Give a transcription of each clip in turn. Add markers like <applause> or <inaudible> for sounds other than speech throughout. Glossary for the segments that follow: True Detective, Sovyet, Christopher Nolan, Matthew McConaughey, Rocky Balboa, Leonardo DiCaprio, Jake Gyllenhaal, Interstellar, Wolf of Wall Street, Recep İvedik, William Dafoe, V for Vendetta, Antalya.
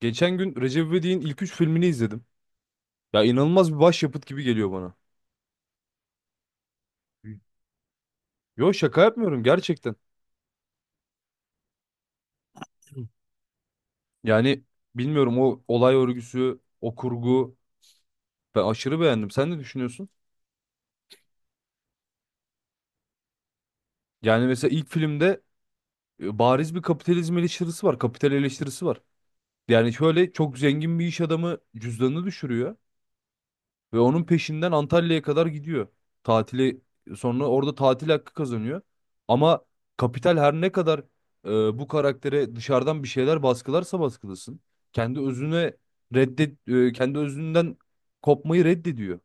Geçen gün Recep İvedik'in ilk üç filmini izledim. Ya inanılmaz bir başyapıt gibi geliyor bana. Yo şaka yapmıyorum gerçekten. Yani bilmiyorum o olay örgüsü, o kurgu ben aşırı beğendim. Sen ne düşünüyorsun? Yani mesela ilk filmde bariz bir kapitalizm eleştirisi var, kapital eleştirisi var. Yani şöyle çok zengin bir iş adamı cüzdanını düşürüyor. Ve onun peşinden Antalya'ya kadar gidiyor. Tatili sonra orada tatil hakkı kazanıyor. Ama kapital her ne kadar e, bu karaktere dışarıdan bir şeyler baskılarsa baskılasın. Kendi özüne kendi özünden kopmayı reddediyor.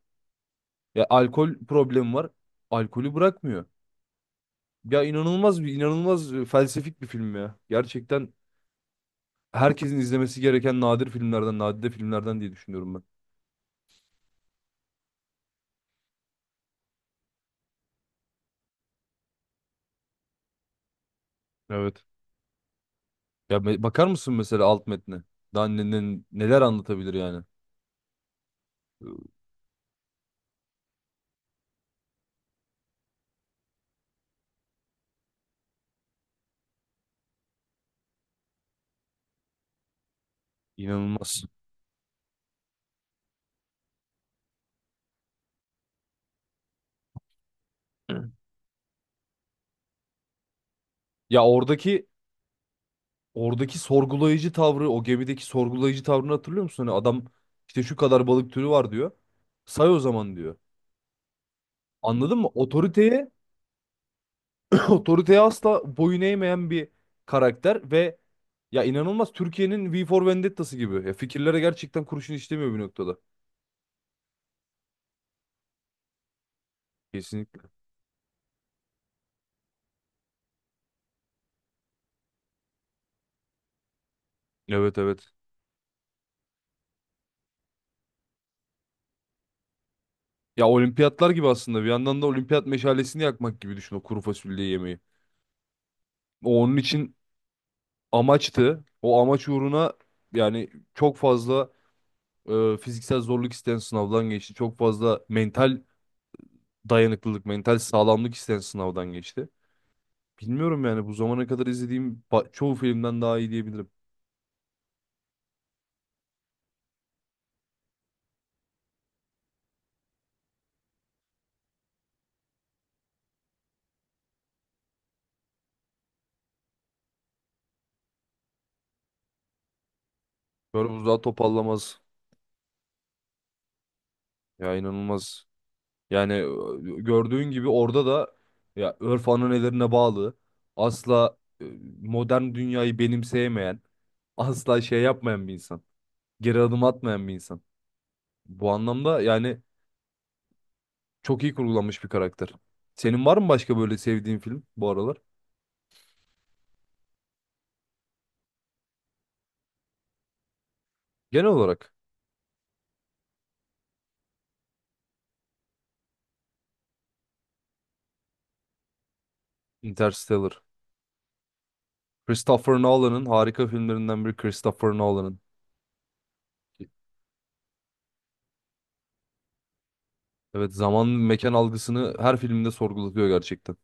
Ya alkol problemi var. Alkolü bırakmıyor. Ya inanılmaz bir felsefik bir film ya. Gerçekten herkesin izlemesi gereken nadir filmlerden, nadide filmlerden diye düşünüyorum ben. Evet. Ya bakar mısın mesela alt metne? Daha neler anlatabilir yani? Ee, İnanılmaz. <clears throat> Ya oradaki sorgulayıcı tavrı, o gemideki sorgulayıcı tavrını hatırlıyor musun? Hani adam işte şu kadar balık türü var diyor. Say o zaman diyor. Anladın mı? Otoriteye <clears throat> otoriteye asla boyun eğmeyen bir karakter ve ya inanılmaz Türkiye'nin V for Vendetta'sı gibi. Ya fikirlere gerçekten kurşun işlemiyor bir noktada. Kesinlikle. Evet, evet. Ya olimpiyatlar gibi aslında bir yandan da olimpiyat meşalesini yakmak gibi düşün o kuru fasulye yemeği. O onun için amaçtı. O amaç uğruna yani çok fazla fiziksel zorluk isteyen sınavdan geçti. Çok fazla mental dayanıklılık, mental sağlamlık isteyen sınavdan geçti. Bilmiyorum yani bu zamana kadar izlediğim çoğu filmden daha iyi diyebilirim. Böyle buzdağı topallamaz. Ya inanılmaz. Yani gördüğün gibi orada da ya örf ananelerine bağlı, asla modern dünyayı benimseyemeyen, asla şey yapmayan bir insan. Geri adım atmayan bir insan. Bu anlamda yani çok iyi kurgulanmış bir karakter. Senin var mı başka böyle sevdiğin film bu aralar? Genel olarak Interstellar. Christopher Nolan'ın harika filmlerinden biri Christopher Nolan'ın. Evet, zaman mekan algısını her filminde sorgulatıyor gerçekten.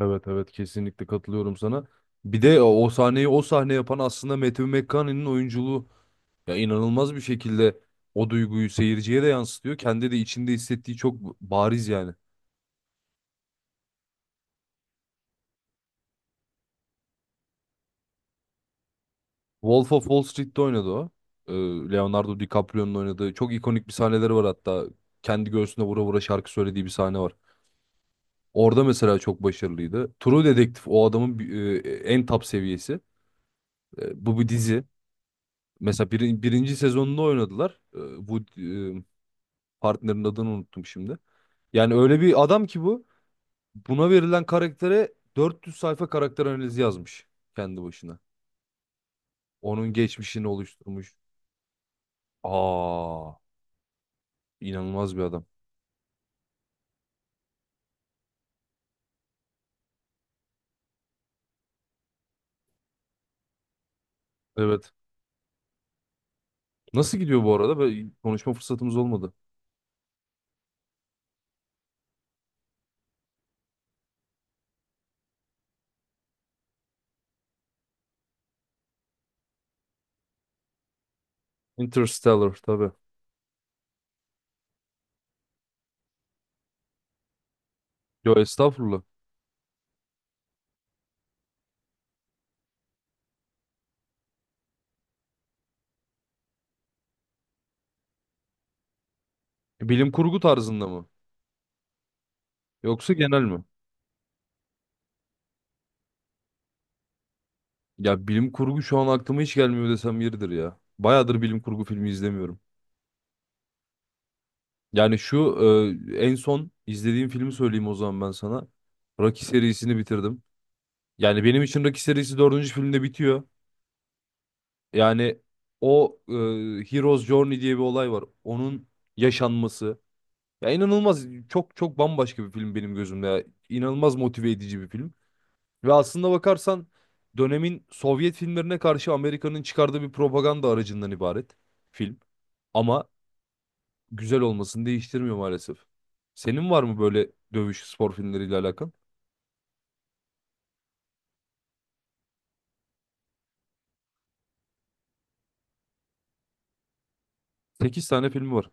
Evet, evet, kesinlikle katılıyorum sana. Bir de o sahneyi o sahne yapan aslında Matthew McConaughey'nin oyunculuğu, ya inanılmaz bir şekilde o duyguyu seyirciye de yansıtıyor. Kendi de içinde hissettiği çok bariz yani. Wolf of Wall Street'te oynadı o. Ee, Leonardo DiCaprio'nun oynadığı çok ikonik bir sahneleri var hatta. Kendi göğsüne vura vura şarkı söylediği bir sahne var. Orada mesela çok başarılıydı. True Detective o adamın en top seviyesi. E, Bu bir dizi. Mesela birinci sezonunda oynadılar. E, Bu partnerin adını unuttum şimdi. Yani öyle bir adam ki bu. Buna verilen karaktere 400 sayfa karakter analizi yazmış kendi başına. Onun geçmişini oluşturmuş. Aa, inanılmaz bir adam. Evet. Nasıl gidiyor bu arada? Böyle konuşma fırsatımız olmadı. Interstellar tabii. Yo estağfurullah. E, Bilim kurgu tarzında mı? Yoksa genel mi? Ya bilim kurgu şu an aklıma hiç gelmiyor desem yeridir ya. Bayağıdır bilim kurgu filmi izlemiyorum. Yani şu en son izlediğim filmi söyleyeyim o zaman ben sana. Rocky serisini bitirdim. Yani benim için Rocky serisi dördüncü filmde bitiyor. Yani o e, Hero's Journey diye bir olay var. Onun yaşanması. Ya inanılmaz, çok çok bambaşka bir film benim gözümde. Ya. İnanılmaz motive edici bir film. Ve aslında bakarsan dönemin Sovyet filmlerine karşı Amerika'nın çıkardığı bir propaganda aracından ibaret film. Ama güzel olmasını değiştirmiyor maalesef. Senin var mı böyle dövüş spor filmleriyle alakan? 8 tane filmi var.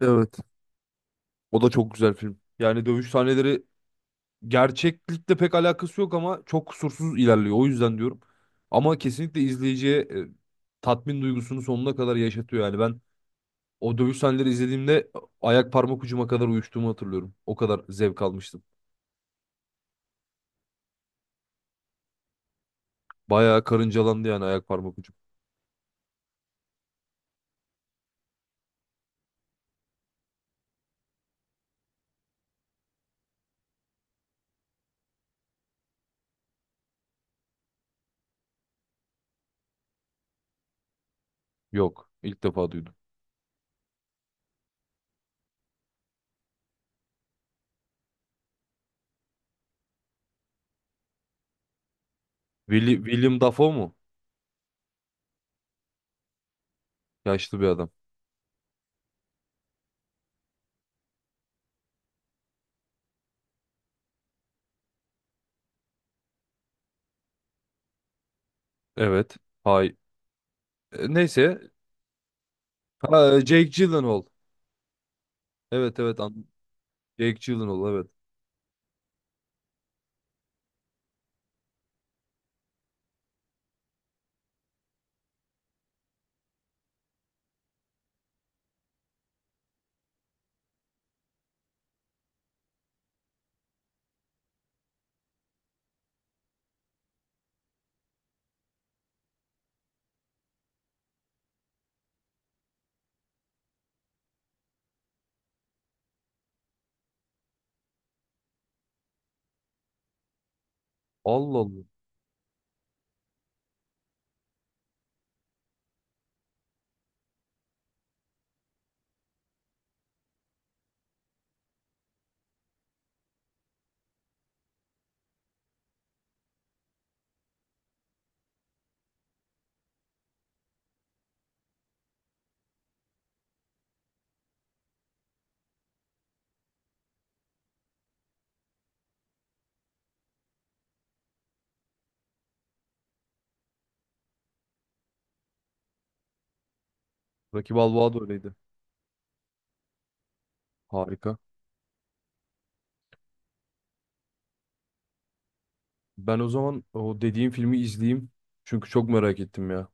Evet. O da çok güzel film. Yani dövüş sahneleri gerçeklikle pek alakası yok ama çok kusursuz ilerliyor. O yüzden diyorum. Ama kesinlikle izleyiciye tatmin duygusunu sonuna kadar yaşatıyor. Yani ben o dövüş sahneleri izlediğimde ayak parmak ucuma kadar uyuştuğumu hatırlıyorum. O kadar zevk almıştım. Bayağı karıncalandı yani ayak parmak ucum. Yok, ilk defa duydum. William Dafoe mu? Yaşlı bir adam. Evet. Hay. E, Neyse. Jake Gyllenhaal. Evet, evet, anladım. Jake Gyllenhaal, evet. Allah Allah. Rocky Balboa da öyleydi. Harika. Ben o zaman o dediğim filmi izleyeyim. Çünkü çok merak ettim ya.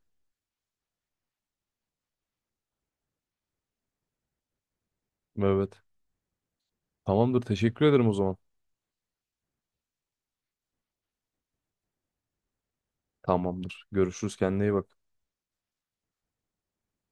Evet. Tamamdır. Teşekkür ederim o zaman. Tamamdır. Görüşürüz. Kendine iyi bak.